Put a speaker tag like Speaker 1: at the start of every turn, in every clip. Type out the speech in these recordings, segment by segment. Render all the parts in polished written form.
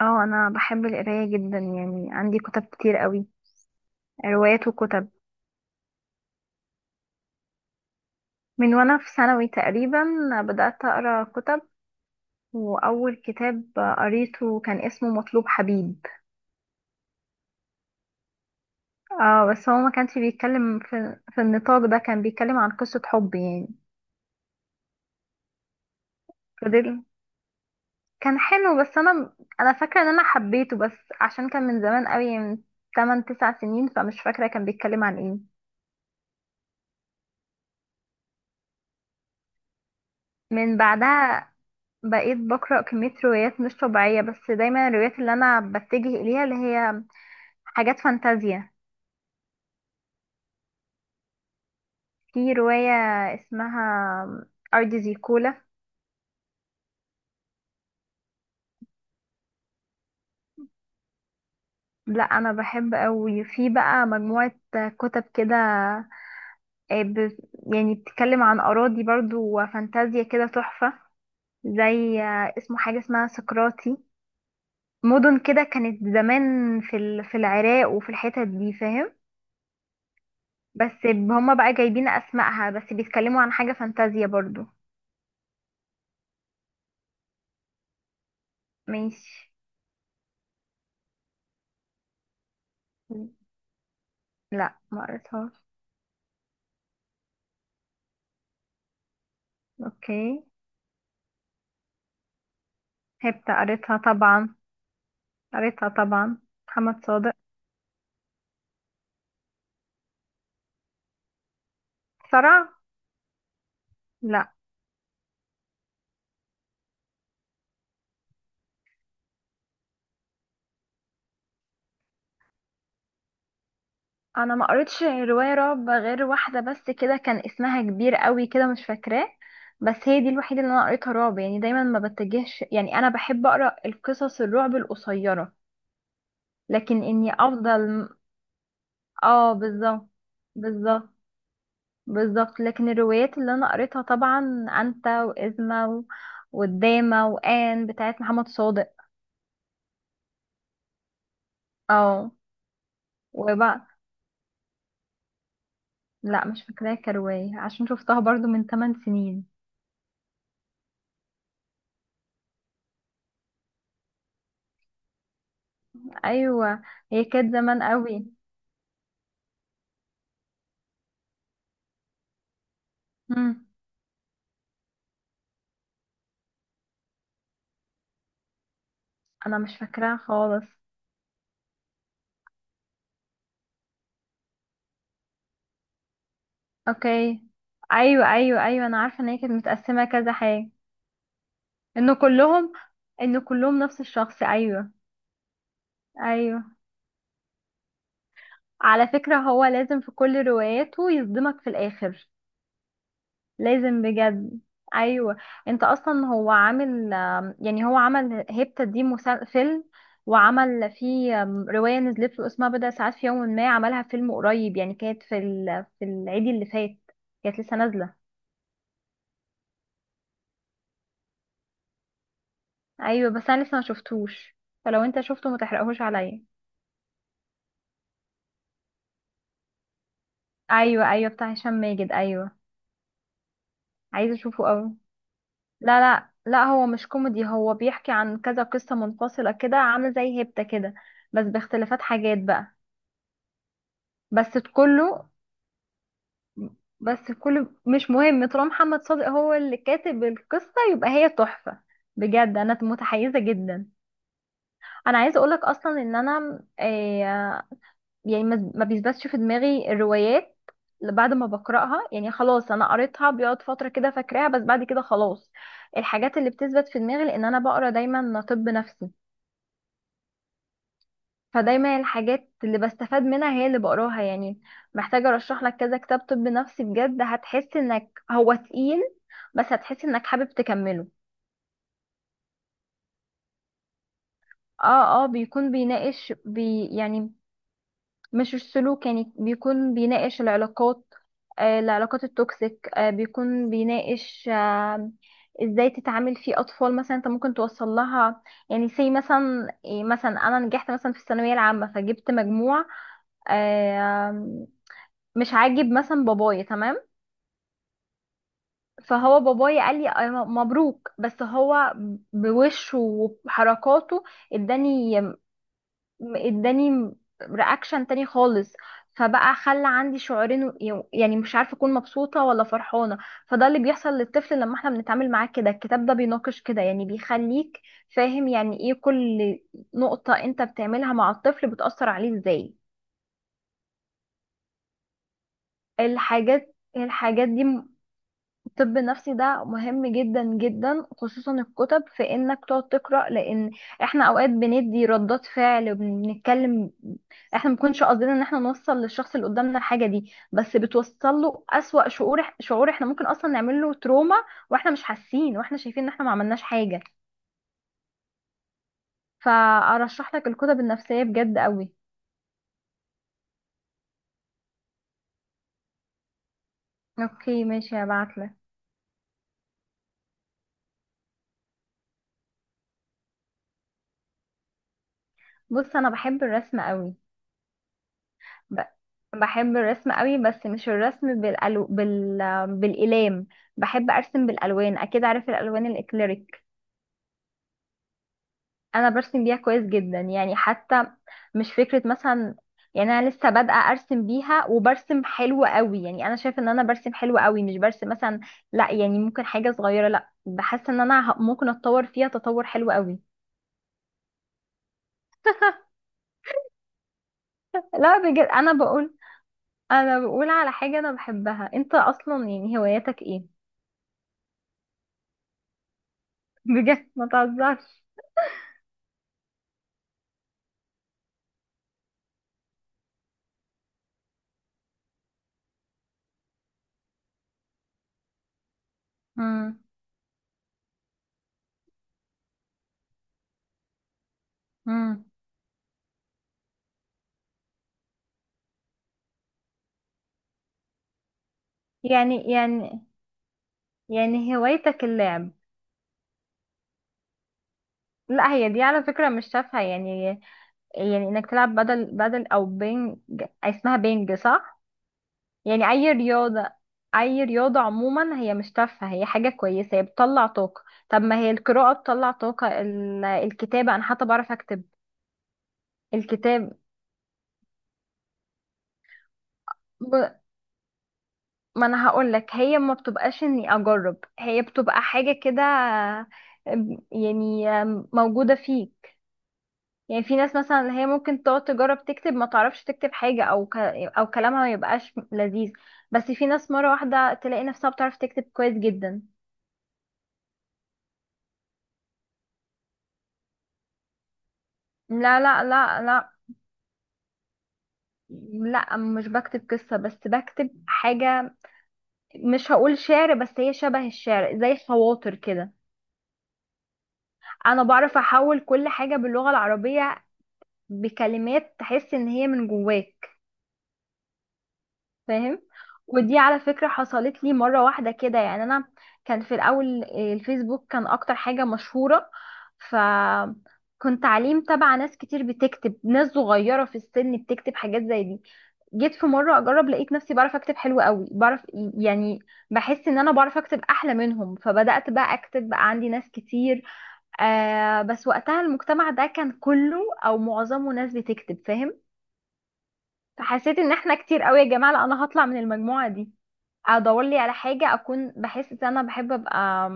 Speaker 1: اه، انا بحب القرايه جدا، يعني عندي كتب كتير قوي، روايات وكتب. من وانا في ثانوي تقريبا بدات اقرا كتب، واول كتاب قريته كان اسمه مطلوب حبيب. اه بس هو ما كانش بيتكلم في النطاق ده، كان بيتكلم عن قصه حب يعني. فضل كان حلو، بس انا فاكره ان انا حبيته، بس عشان كان من زمان قوي، من 8 9 سنين، فمش فاكره كان بيتكلم عن ايه. من بعدها بقيت بقرأ كمية روايات مش طبيعية، بس دايما الروايات اللي أنا بتجه إليها اللي هي حاجات فانتازيا. في رواية اسمها أرض زيكولا. لا أنا بحب أوي، في بقى مجموعة كتب كده، آه، ب- يعني بتتكلم عن أراضي برضو وفانتازيا كده تحفة. زي اسمه حاجة اسمها سقراطي، مدن كده كانت زمان في العراق وفي الحتت دي، فاهم. بس هما بقى جايبين أسمائها، بس بيتكلموا عن حاجة فانتازيا برضو. ماشي. لا ما قريتهاش. اوكي. هبت قريتها طبعا، قريتها طبعا، محمد صادق. صرع؟ لا. انا ما قريتش رواية رعب غير واحدة بس كده، كان اسمها كبير قوي كده مش فاكراه، بس هي دي الوحيدة اللي انا قريتها رعب. يعني دايما ما بتجهش، يعني انا بحب اقرا القصص الرعب القصيرة، لكن اني افضل... اه بالظبط، بالظبط، بالظبط. لكن الروايات اللي انا قريتها طبعا انت وازمه والدامه وان بتاعت محمد صادق. اه. وبقى لا مش فاكراها كروايه، عشان شفتها برضو من 8 سنين. ايوه، هي كانت زمان قوي. مم. انا مش فاكراها خالص. اوكي. ايوه ايوه ايوه، انا عارفه ان هي كانت متقسمه كذا حاجه. انه كلهم، انه كلهم نفس الشخص، ايوه. ايوه، على فكره هو لازم في كل رواياته يصدمك في الاخر. لازم بجد. ايوه. انت اصلا هو عامل، يعني هو عمل هيبتا دي فيلم، وعمل فيه روايه نزلت له اسمها بضع ساعات في يوم، ما عملها فيلم قريب، يعني كانت في العيد اللي فات كانت لسه نازله. ايوه بس انا لسه ما شفتوش، فلو انت شفته ما تحرقهوش عليا. ايوه ايوه، بتاع هشام ماجد، ايوه. عايزه اشوفه قوي. لا لا لا، هو مش كوميدي، هو بيحكي عن كذا قصه منفصله كده، عامله زي هيبتا كده بس باختلافات، حاجات بقى. بس كله، بس كل مش مهم، طالما محمد صادق هو اللي كاتب القصة يبقى هي تحفة، بجد انا متحيزة جدا. انا عايزة اقولك اصلا ان انا، يعني ما بيثبتش في دماغي الروايات اللي بعد ما بقرأها، يعني خلاص انا قريتها بيقعد فترة كده فاكراها بس بعد كده خلاص. الحاجات اللي بتثبت في دماغي لان انا بقرا دايما طب نفسي، فدايما الحاجات اللي بستفاد منها هي اللي بقراها يعني. محتاجة ارشح لك كذا كتاب طب نفسي بجد، هتحس انك هو تقيل بس هتحس انك حابب تكمله. اه اه، بيكون بيناقش يعني... مش السلوك، يعني بيكون بيناقش العلاقات، آه العلاقات التوكسيك، آه بيكون بيناقش آه ازاي تتعامل في اطفال مثلا، انت ممكن توصل لها. يعني سي مثلا إيه، مثلا انا نجحت مثلا في الثانويه العامه فجبت مجموع آه، مش عاجب مثلا بابايا، تمام. فهو بابايا قال لي أنا مبروك، بس هو بوشه وحركاته اداني، اداني رياكشن تاني خالص. فبقى خلى عندي شعورين، يعني مش عارفه اكون مبسوطه ولا فرحانه. فده اللي بيحصل للطفل لما احنا بنتعامل معاه كده، الكتاب ده بيناقش كده، يعني بيخليك فاهم يعني ايه كل نقطه انت بتعملها مع الطفل بتأثر عليه ازاي. الحاجات دي، الطب النفسي ده مهم جدا جدا، خصوصا الكتب، في انك تقعد تقرا. لان احنا اوقات بندي ردات فعل وبنتكلم، احنا ما بنكونش قصدنا ان احنا نوصل للشخص اللي قدامنا الحاجه دي، بس بتوصل له اسوأ شعور، شعور احنا ممكن اصلا نعمل له تروما واحنا مش حاسين، واحنا شايفين ان احنا ما عملناش حاجه. فارشح لك الكتب النفسيه بجد قوي. اوكي ماشي، هبعت لك. بص انا بحب الرسم قوي، ب- بحب الرسم قوي، بس مش الرسم بالألو... بال... بالإلام. بحب أرسم بالألوان، أكيد عارف الألوان الإكليريك. أنا برسم بيها كويس جدا، يعني حتى مش فكرة مثلا، يعني أنا لسه بادئة أرسم بيها وبرسم حلو قوي. يعني أنا شايفة إن أنا برسم حلو قوي، مش برسم مثلا لا يعني ممكن حاجة صغيرة، لا بحس إن ممكن أتطور فيها تطور حلو قوي. لا بجد، أنا بقول، أنا بقول على حاجة أنا بحبها. أنت أصلا يعني هواياتك إيه؟ بجد ما تهزرش. مم. يعني يعني هوايتك اللعب؟ لا هي دي على فكرة مش تافهة، يعني يعني انك تلعب بدل او بينج، اسمها بينج صح؟ يعني اي رياضة، اي رياضة عموما هي مش تافهة، هي حاجة كويسة، هي بتطلع طاقة. طب ما هي القراءة بتطلع طاقة، الكتابة، انا حتى بعرف اكتب. الكتاب، ب- ما انا هقول لك، هي ما بتبقاش اني اجرب، هي بتبقى حاجة كده يعني موجودة فيك. يعني في ناس مثلا اللي هي ممكن تقعد تجرب تكتب ما تعرفش تكتب حاجة، او ك... او كلامها ما يبقاش لذيذ، بس في ناس مرة واحدة تلاقي نفسها بتعرف تكتب كويس جدا. لا لا لا لا. لا مش بكتب قصة، بس بكتب حاجة، مش هقول شعر بس هي شبه الشعر، زي خواطر كده. انا بعرف احول كل حاجة باللغة العربية بكلمات تحس ان هي من جواك. فاهم. ودي على فكرة حصلت لي مرة واحدة كده، يعني انا كان في الاول الفيسبوك كان اكتر حاجة مشهورة، ف كنت عليه متابعة ناس كتير بتكتب، ناس صغيرة في السن بتكتب حاجات زي دي. جيت في مرة اجرب لقيت نفسي بعرف اكتب حلو قوي، بعرف يعني، بحس ان انا بعرف اكتب احلى منهم، فبدأت بقى اكتب، بقى عندي ناس كتير. آه بس وقتها المجتمع ده كان كله او معظمه ناس بتكتب، فاهم. فحسيت ان احنا كتير قوي يا جماعة، لا انا هطلع من المجموعة دي، ادور لي على حاجه اكون بحس ان انا بحب ابقى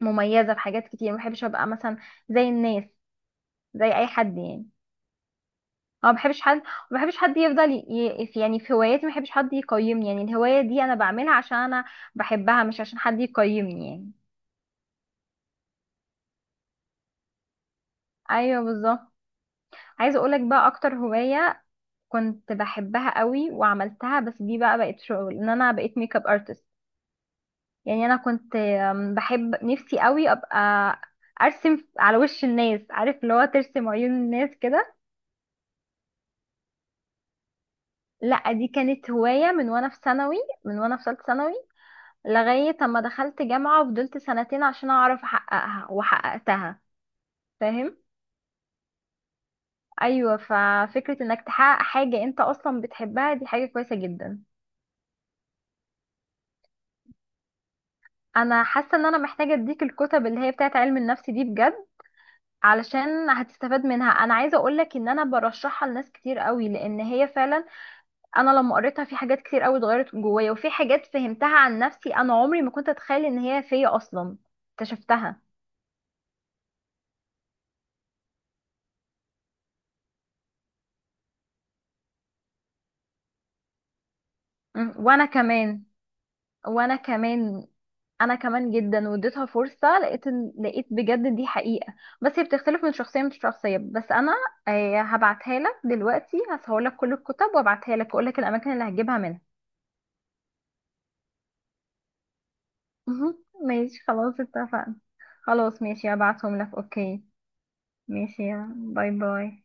Speaker 1: مميزه في حاجات كتير، ما بحبش ابقى مثلا زي الناس، زي اي حد يعني. أو ما بحبش حد، ما بحبش حد يفضل يعني في هواياتي ما بحبش حد يقيمني، يعني الهوايه دي انا بعملها عشان انا بحبها مش عشان حد يقيمني يعني. ايوه بالظبط. عايزه اقولك بقى اكتر هوايه كنت بحبها قوي وعملتها، بس دي بقى بقت شغل، ان انا بقيت ميك اب ارتست. يعني انا كنت بحب نفسي قوي ابقى ارسم على وش الناس، عارف اللي هو ترسم عيون الناس كده. لا دي كانت هواية من وانا في ثانوي، من وانا في ثالثه ثانوي، لغاية اما دخلت جامعة وفضلت سنتين عشان اعرف احققها وحققتها، فاهم. ايوه ففكرة انك تحقق حاجة انت اصلا بتحبها دي حاجة كويسة جدا. انا حاسة ان انا محتاجة اديك الكتب اللي هي بتاعت علم النفس دي بجد، علشان هتستفاد منها. انا عايزة اقولك ان انا برشحها لناس كتير قوي، لان هي فعلا انا لما قريتها في حاجات كتير قوي اتغيرت جوايا، وفي حاجات فهمتها عن نفسي انا عمري ما كنت اتخيل ان هي فيا اصلا، اكتشفتها. وانا كمان، وانا كمان. انا كمان جدا واديتها فرصه، لقيت بجد دي حقيقه، بس هي بتختلف من شخصيه لشخصيه. بس انا هبعتها لك دلوقتي، هصور لك كل الكتب وابعتها لك واقول لك الاماكن اللي هتجيبها منها. مهم. ماشي خلاص اتفقنا. خلاص ماشي هبعتهم لك، اوكي. ماشي يا باي باي.